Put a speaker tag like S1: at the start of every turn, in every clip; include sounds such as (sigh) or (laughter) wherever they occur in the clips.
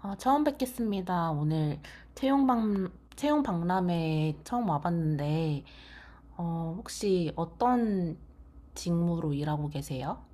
S1: 아, 처음 뵙겠습니다. 오늘 채용박람회에 처음 와봤는데, 혹시 어떤 직무로 일하고 계세요?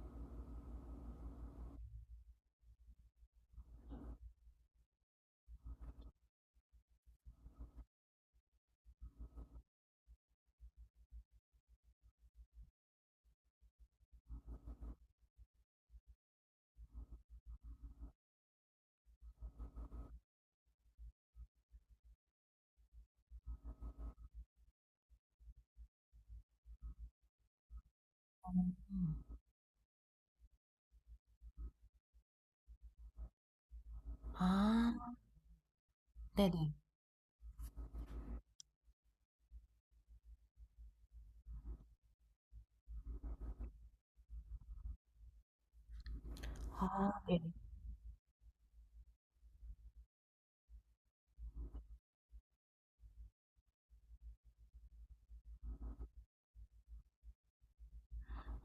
S1: 아, 네네. 아, 네.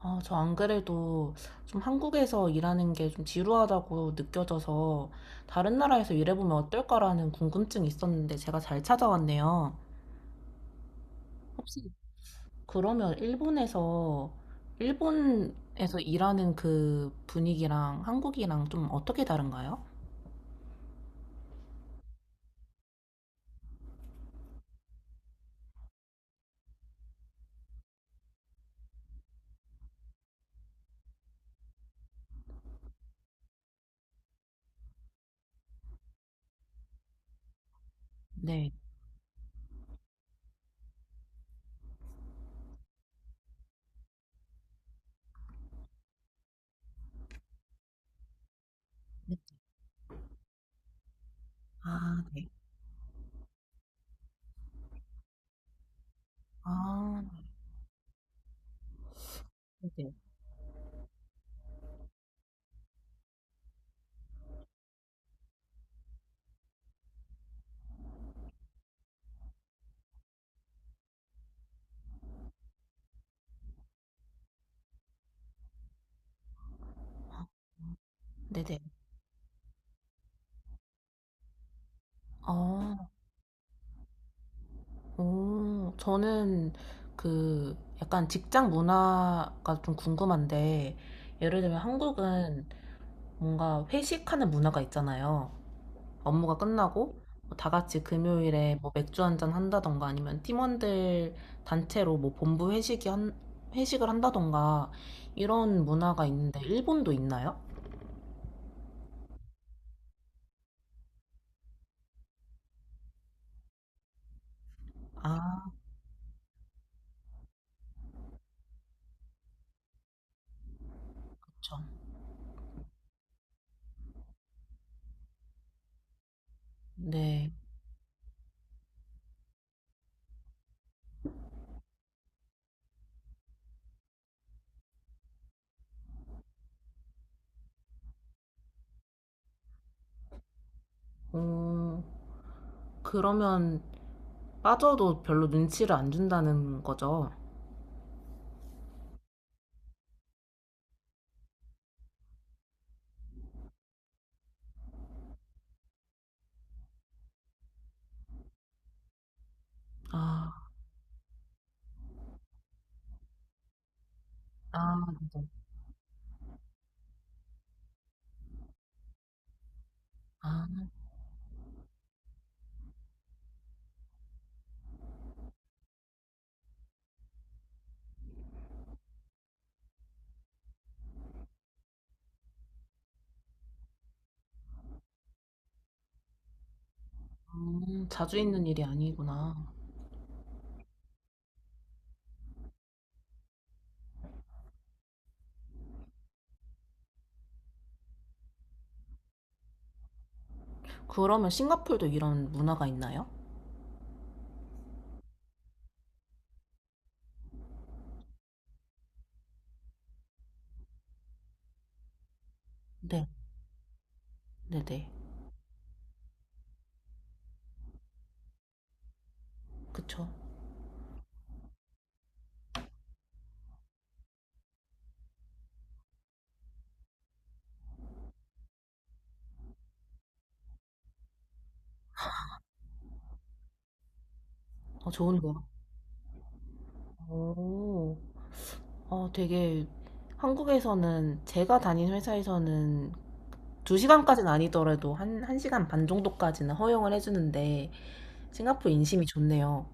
S1: 아, 저 안 그래도 좀 한국에서 일하는 게 좀 지루하다고 느껴져서 다른 나라에서 일해보면 어떨까라는 궁금증이 있었는데 제가 잘 찾아왔네요. 혹시 그러면 일본에서 일하는 그 분위기랑 한국이랑 좀 어떻게 다른가요? 네. 네. 아, 네. 아, 네네. 네네. 아, 오, 저는 그 약간 직장 문화가 좀 궁금한데, 예를 들면 한국은 뭔가 회식하는 문화가 있잖아요. 업무가 끝나고 뭐다 같이 금요일에 뭐 맥주 한 잔 한다던가 아니면 팀원들 단체로 뭐 본부 회식을 한다던가 이런 문화가 있는데 일본도 있나요? 아, 그렇죠. 네. 어, 그러면 빠져도 별로 눈치를 안 준다는 거죠? 아, 아, 아, 자주 있는 일이 아니구나. 그러면 싱가폴도 이런 문화가 있나요? 네, 네네. 그쵸. 좋은데요. 오, 되게 한국에서는 제가 다닌 회사에서는 2시간까지는 아니더라도 한, 1시간 반 정도까지는 허용을 해주는데 싱가포르 인심이 좋네요.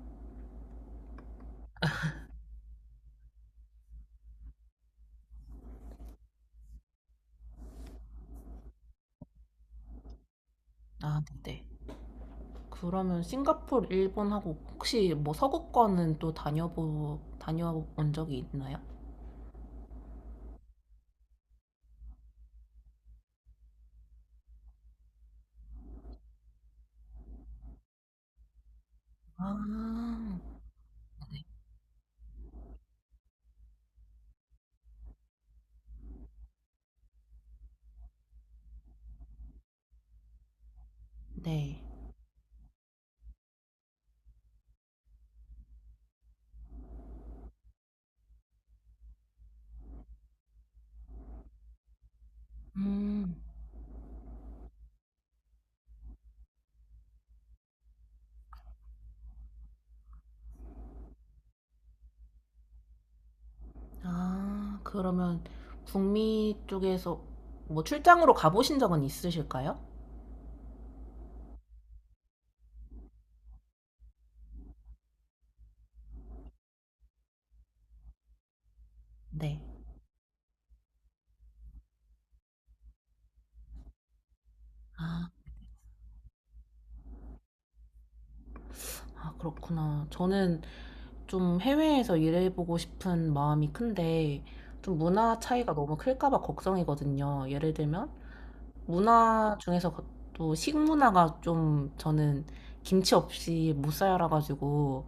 S1: 아, 네. 그러면 싱가포르, 일본하고 혹시 뭐 서구권은 또 다녀본 적이 있나요? 아, 네. 음. 아, 그러면 북미 쪽에서 뭐 출장으로 가보신 적은 있으실까요? 네. 아, 아, 그렇구나. 저는 좀 해외에서 일해보고 싶은 마음이 큰데, 좀 문화 차이가 너무 클까봐 걱정이거든요. 예를 들면, 문화 중에서 또 식문화가 좀 저는 김치 없이 못 살아가지고,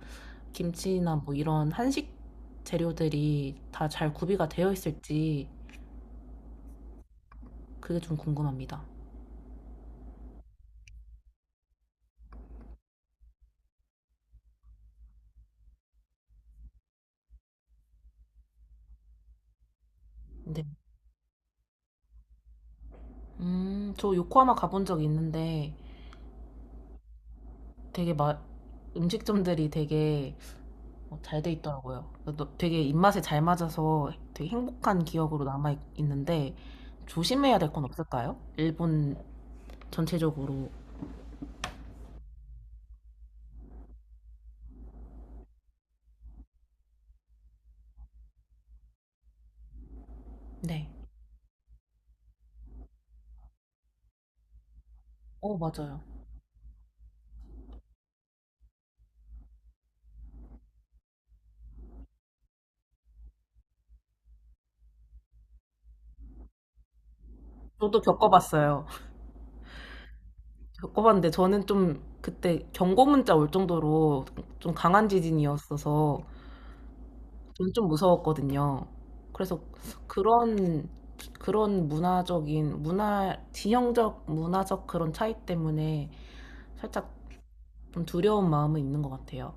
S1: 김치나 뭐 이런 한식 재료들이 다 잘 구비가 되어 있을지, 그게 좀 궁금합니다. 네. 저 요코하마 가본 적 있는데, 되게 막 음식점들이 되게 잘 돼 있더라고요. 되게 입맛에 잘 맞아서 되게 행복한 기억으로 남아 있는데 조심해야 될 건 없을까요? 일본 전체적으로. 네. 맞아요. 저도 겪어봤어요. (laughs) 겪어봤는데 저는 좀 그때 경고 문자 올 정도로 좀 강한 지진이었어서 저는 좀 무서웠거든요. 그래서 그런 그런 문화적인 문화 지형적 문화적 그런 차이 때문에 살짝 좀 두려운 마음은 있는 것 같아요.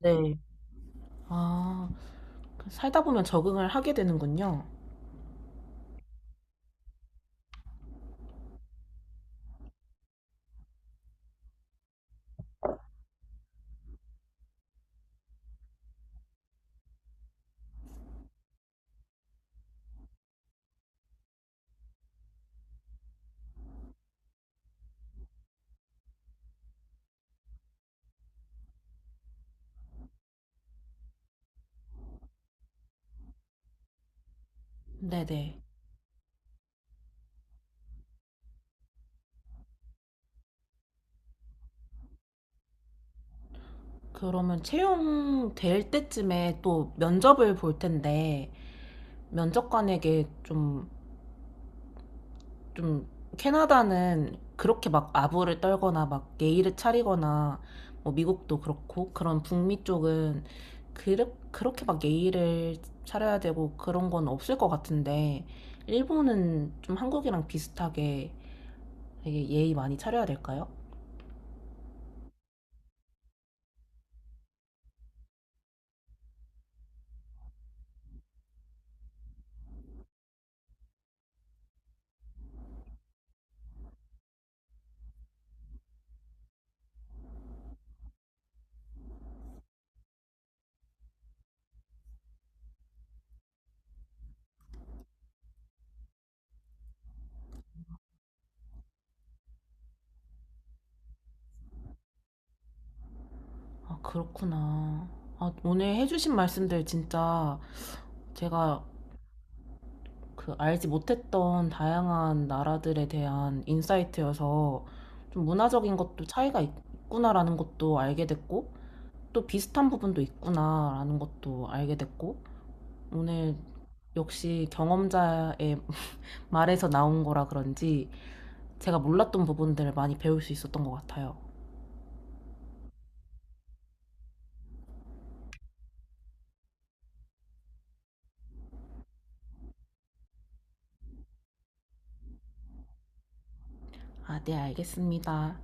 S1: 네. 아, 그 살다 보면 적응을 하게 되는군요. 네네. 그러면 채용될 때쯤에 또 면접을 볼 텐데, 면접관에게 좀, 캐나다는 그렇게 막 아부를 떨거나 막 예의를 차리거나, 뭐 미국도 그렇고, 그런 북미 쪽은 그렇게 막 예의를 차려야 되고 그런 건 없을 것 같은데, 일본은 좀 한국이랑 비슷하게 되게 예의 많이 차려야 될까요? 아, 그렇구나. 아, 오늘 해주신 말씀들 진짜 제가 그 알지 못했던 다양한 나라들에 대한 인사이트여서 좀 문화적인 것도 차이가 있구나라는 것도 알게 됐고 또 비슷한 부분도 있구나라는 것도 알게 됐고 오늘 역시 경험자의 (laughs) 말에서 나온 거라 그런지 제가 몰랐던 부분들을 많이 배울 수 있었던 것 같아요. 아, 네, 알겠습니다.